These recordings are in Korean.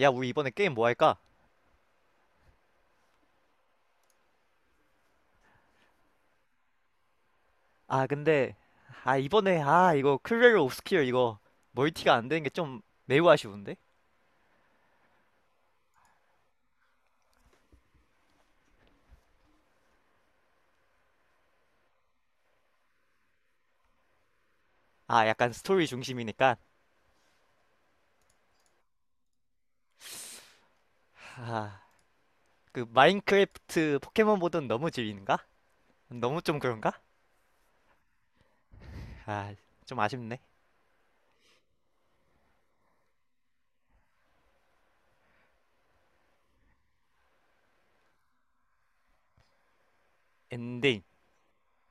야, 우리 이번에 게임 뭐 할까? 아, 근데, 아, 이번에, 아, 이거 클레르 옵스큐어 이거 멀티가 안 되는 게 좀 매우 아쉬운데? 아, 약간 스토리 중심이니까. 아, 그 마인크래프트 포켓몬 보던 너무 질린가? 너무 좀 그런가? 아, 좀 아쉽네. 엔딩,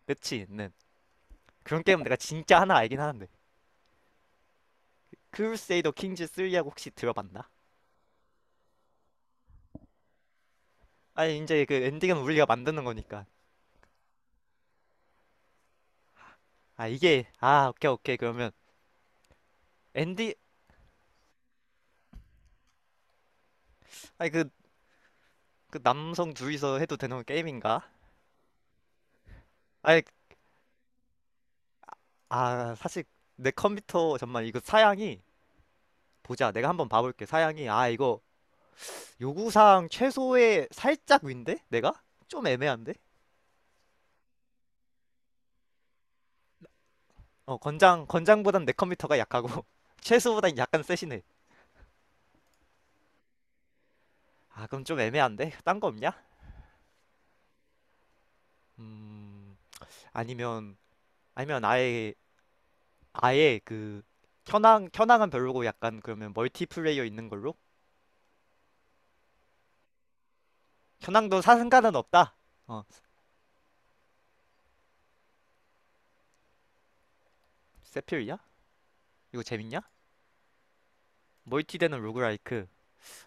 끝이 있는. 그런 게임 내가 진짜 하나 알긴 하는데. 크루세이더 킹즈 3하고 혹시 들어봤나? 아니, 이제 그 엔딩은 우리가 만드는 거니까. 아, 이게, 아, 오케이, 오케이. 그러면 엔딩, 아니, 그 남성 둘이서 해도 되는 게임인가? 아니, 아, 사실 내 컴퓨터 정말 이거 사양이 보자. 내가 한번 봐볼게. 사양이 아 이거 요구사항 최소의 살짝 위인데 내가 좀 애매한데? 어 건장보단 내 컴퓨터가 약하고 최소보단 약간 세시네. 아 그럼 좀 애매한데? 딴 거 없냐? 음 아니면 아니면 아예 그 현황은 별로고 약간 그러면 멀티플레이어 있는 걸로? 현황도 사승가은 없다. 어 세필이야? 이거 재밌냐? 멀티되는 로그라이크.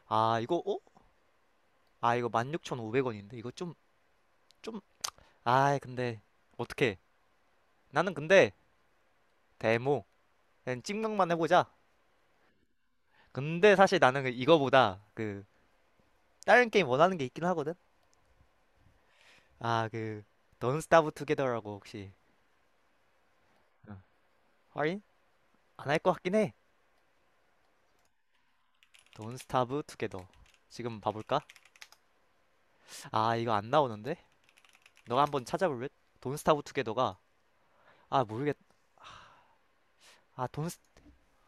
아, 이거, 어? 아, 이거 16,500원인데? 이거 좀, 아이, 근데, 어떻게. 나는 근데, 데모. 그냥 찍명만 해보자. 근데 사실 나는 그 이거보다, 그, 다른 게임 원하는 게 있긴 하거든? 아, 그, Don't Starve Together라고 혹시, 응 할인? 안 할 것 같긴 해. Don't Starve Together. 지금 봐볼까? 아, 이거 안 나오는데? 너가 한번 찾아볼래? Don't Starve Together가, 아, 모르겠, 아, 돈,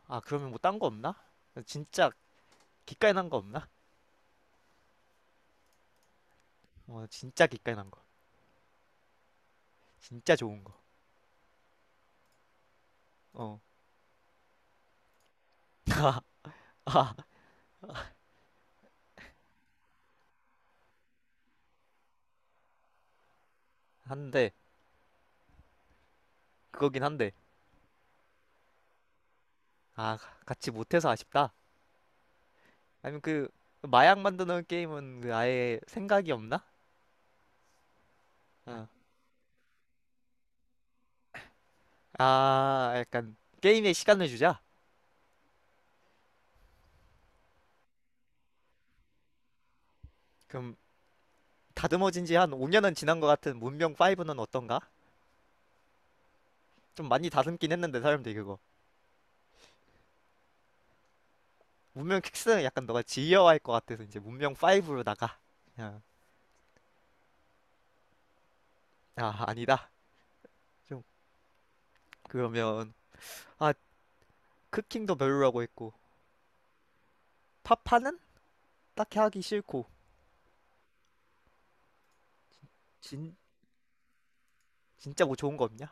아, 그러면 뭐 딴 거 없나? 진짜 기깔난 거 없나? 어, 진짜 기깔난 거. 진짜 좋은 거. 어, 한데, 그거긴 한데, 아, 같이 못해서 아쉽다. 아니면 그, 마약 만드는 게임은 그 아예 생각이 없나? 어. 아, 약간, 게임에 시간을 주자. 그럼, 다듬어진 지 한 5년은 지난 것 같은 문명 5는 어떤가? 좀 많이 다듬긴 했는데, 사람들이 그거. 문명 6는 약간 너가 지겨워할 것 같아서 이제 문명 5로 나가. 그냥, 아, 아니다. 좀, 그러면, 아, 크킹도 별로라고 했고, 파파는? 딱히 하기 싫고, 진 진짜 뭐 좋은 거 없냐?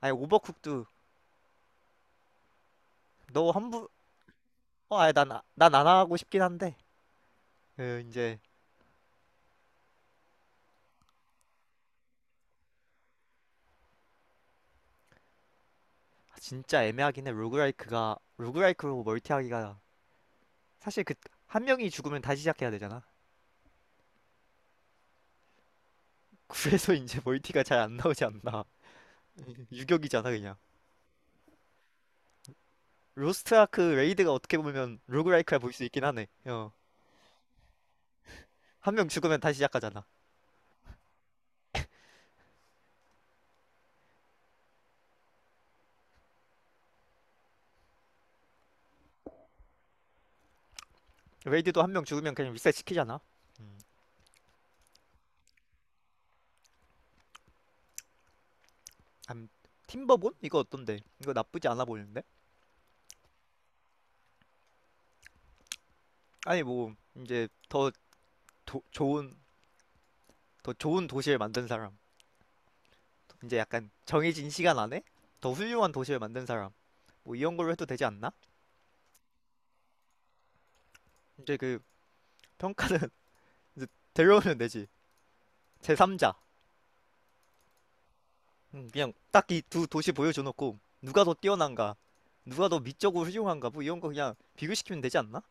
아니 오버쿡도 너 한부 어 아니 난난 안 하고 싶긴 한데 그 이제 진짜 애매하긴 해 로그라이크가 로그라이크로 멀티하기가 사실 그 한 명이 죽으면 다시 시작해야 되잖아 그래서 이제 멀티가 잘 안 나오지 않나 유격이잖아 그냥 로스트 아크 레이드가 어떻게 보면 로그라이크라 볼 수 있긴 하네 어한 명 죽으면 다시 시작하잖아 레이드도 한 명 죽으면 그냥 리셋 시키잖아 암 팀버본 이거 어떤데 이거 나쁘지 않아 보이는데 아니 뭐 이제 더 좋은 더 좋은 도시를 만든 사람, 이제 약간 정해진 시간 안에 더 훌륭한 도시를 만든 사람, 뭐 이런 걸로 해도 되지 않나? 이제 그 평가는 이제 데려오면 되지. 제3자. 그냥 딱 이 두 도시 보여줘놓고 누가 더 뛰어난가, 누가 더 미적으로 훌륭한가, 뭐 이런 거 그냥 비교시키면 되지 않나?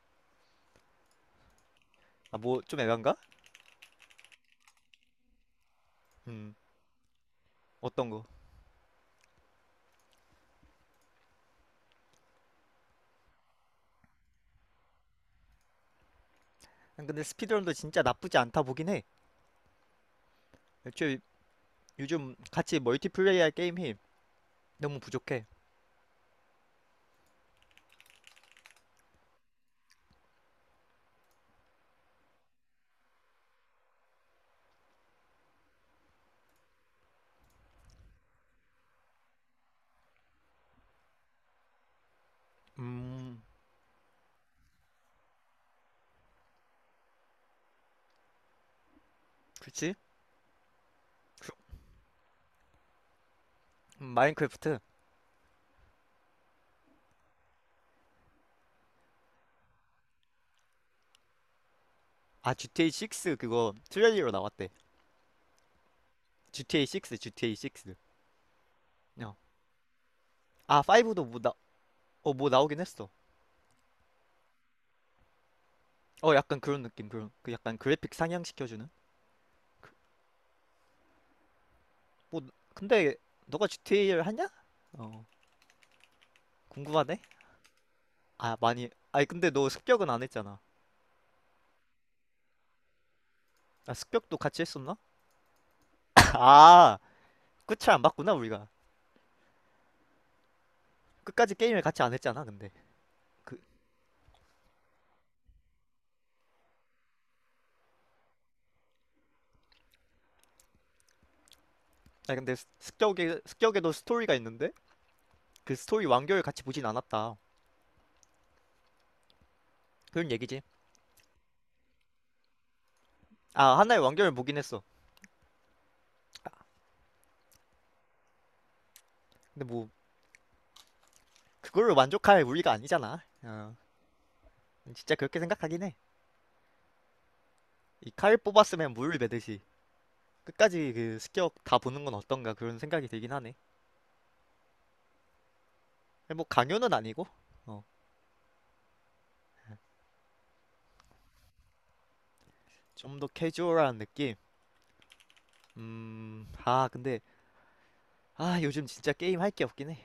아, 뭐 좀 애간가? 음, 어떤 거? 아, 근데 스피드런도 진짜 나쁘지 않다 보긴 해. 애초에 요즘 같이 멀티플레이할 게임이 너무 부족해. 음, 그렇지? 마인크래프트. 아 GTA 6 그거 트레일러 나왔대. GTA 6, GTA 6. 어. 아 5도 뭐 나, 어, 뭐 나오긴 했어. 어 약간 그런 느낌 그런 그 약간 그래픽 상향시켜주는. 뭐 근데 너가 GTA를 하냐? 어 궁금하네. 아 많이 아니 근데 너 습격은 안 했잖아. 아 습격도 같이 했었나? 아 끝을 안 봤구나 우리가. 끝까지 게임을 같이 안 했잖아 근데. 그 아 근데 습격에 습격에도 스토리가 있는데 그 스토리 완결을 같이 보진 않았다. 그런 얘기지. 아 하나의 완결을 보긴 했어. 근데 뭐 그걸로 만족할 우리가 아니잖아. 어, 진짜 그렇게 생각하긴 해. 이 칼 뽑았으면 물 매듯이 끝까지 그 습격 다 보는 건 어떤가 그런 생각이 들긴 하네. 뭐 강요는 아니고 어, 좀 더 캐주얼한 느낌. 아 근데 아 요즘 진짜 게임 할 게 없긴 해.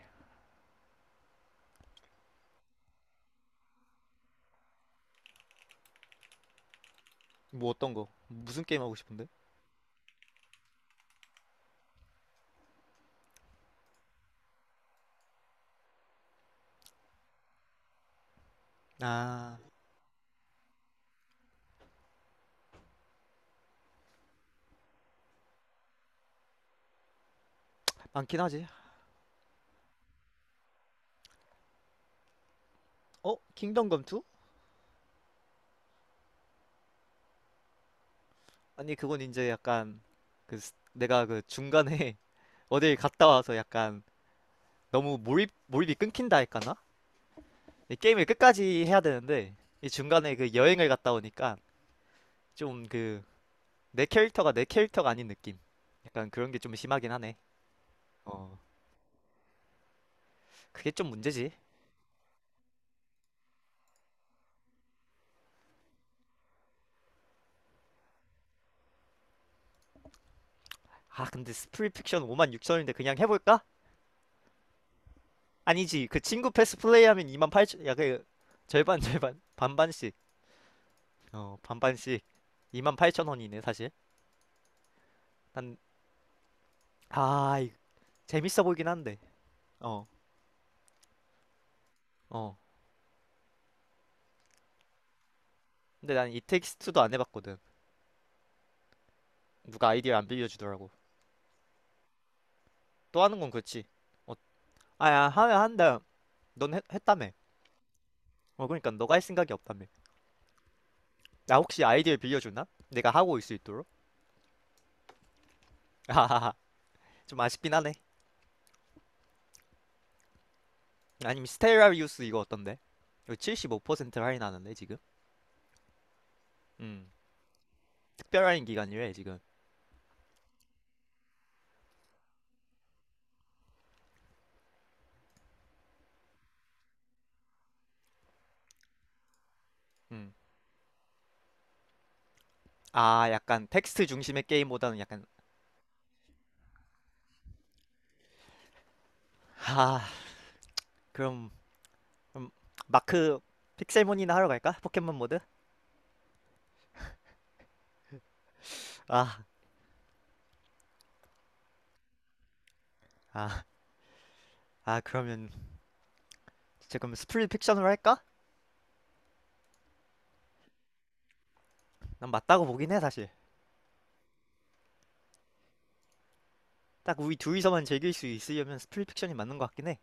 뭐 어떤 거? 무슨 게임 하고 싶은데? 아 많긴 하지. 어? 킹덤 검 2? 아니 그건 이제 약간 그 내가 그 중간에 어딜 갔다 와서 약간 너무 몰입이 끊긴다 할까나? 이 게임을 끝까지 해야 되는데 이 중간에 그 여행을 갔다 오니까 좀 그 내 캐릭터가 아닌 느낌. 약간 그런 게 좀 심하긴 하네. 어, 그게 좀 문제지. 아, 근데 스프리픽션 56,000원인데 그냥 해볼까? 아니지. 그 친구 패스 플레이하면 28,000, 야, 그 절반 절반 반반씩. 어, 반반씩 28,000원이네 사실. 난 아, 재밌어 보이긴 한데. 어, 어. 근데 난 이텍스트도 안 해봤거든. 누가 아이디어 안 빌려주더라고. 또 하는 건 그렇지. 어, 아야 하면 한다. 넌 했다며. 어 그러니까 너가 할 생각이 없다며. 나 혹시 아이디어 빌려주나? 내가 하고 올 수 있도록. 아하하. 좀 아쉽긴 하네. 아니면 스테라리우스 이거 어떤데? 이거 75% 할인하는데 지금. 음. 특별 할인 기간이래 지금. 음. 아 약간 텍스트 중심의 게임보다는 약간 하 그럼, 그럼 마크 픽셀몬이나 하러 갈까? 포켓몬 모드? 아, 아, 아 그러면 지금 스플릿 픽션으로 할까? 난 맞다고 보긴 해 사실. 딱 우리 둘이서만 즐길 수 있으려면 스플릿픽션이 맞는 것 같긴 해.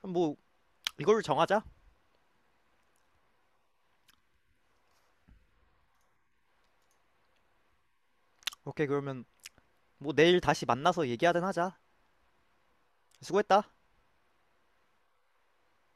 그럼 뭐 이걸 정하자. 오케이 그러면 뭐 내일 다시 만나서 얘기하든 하자. 수고했다.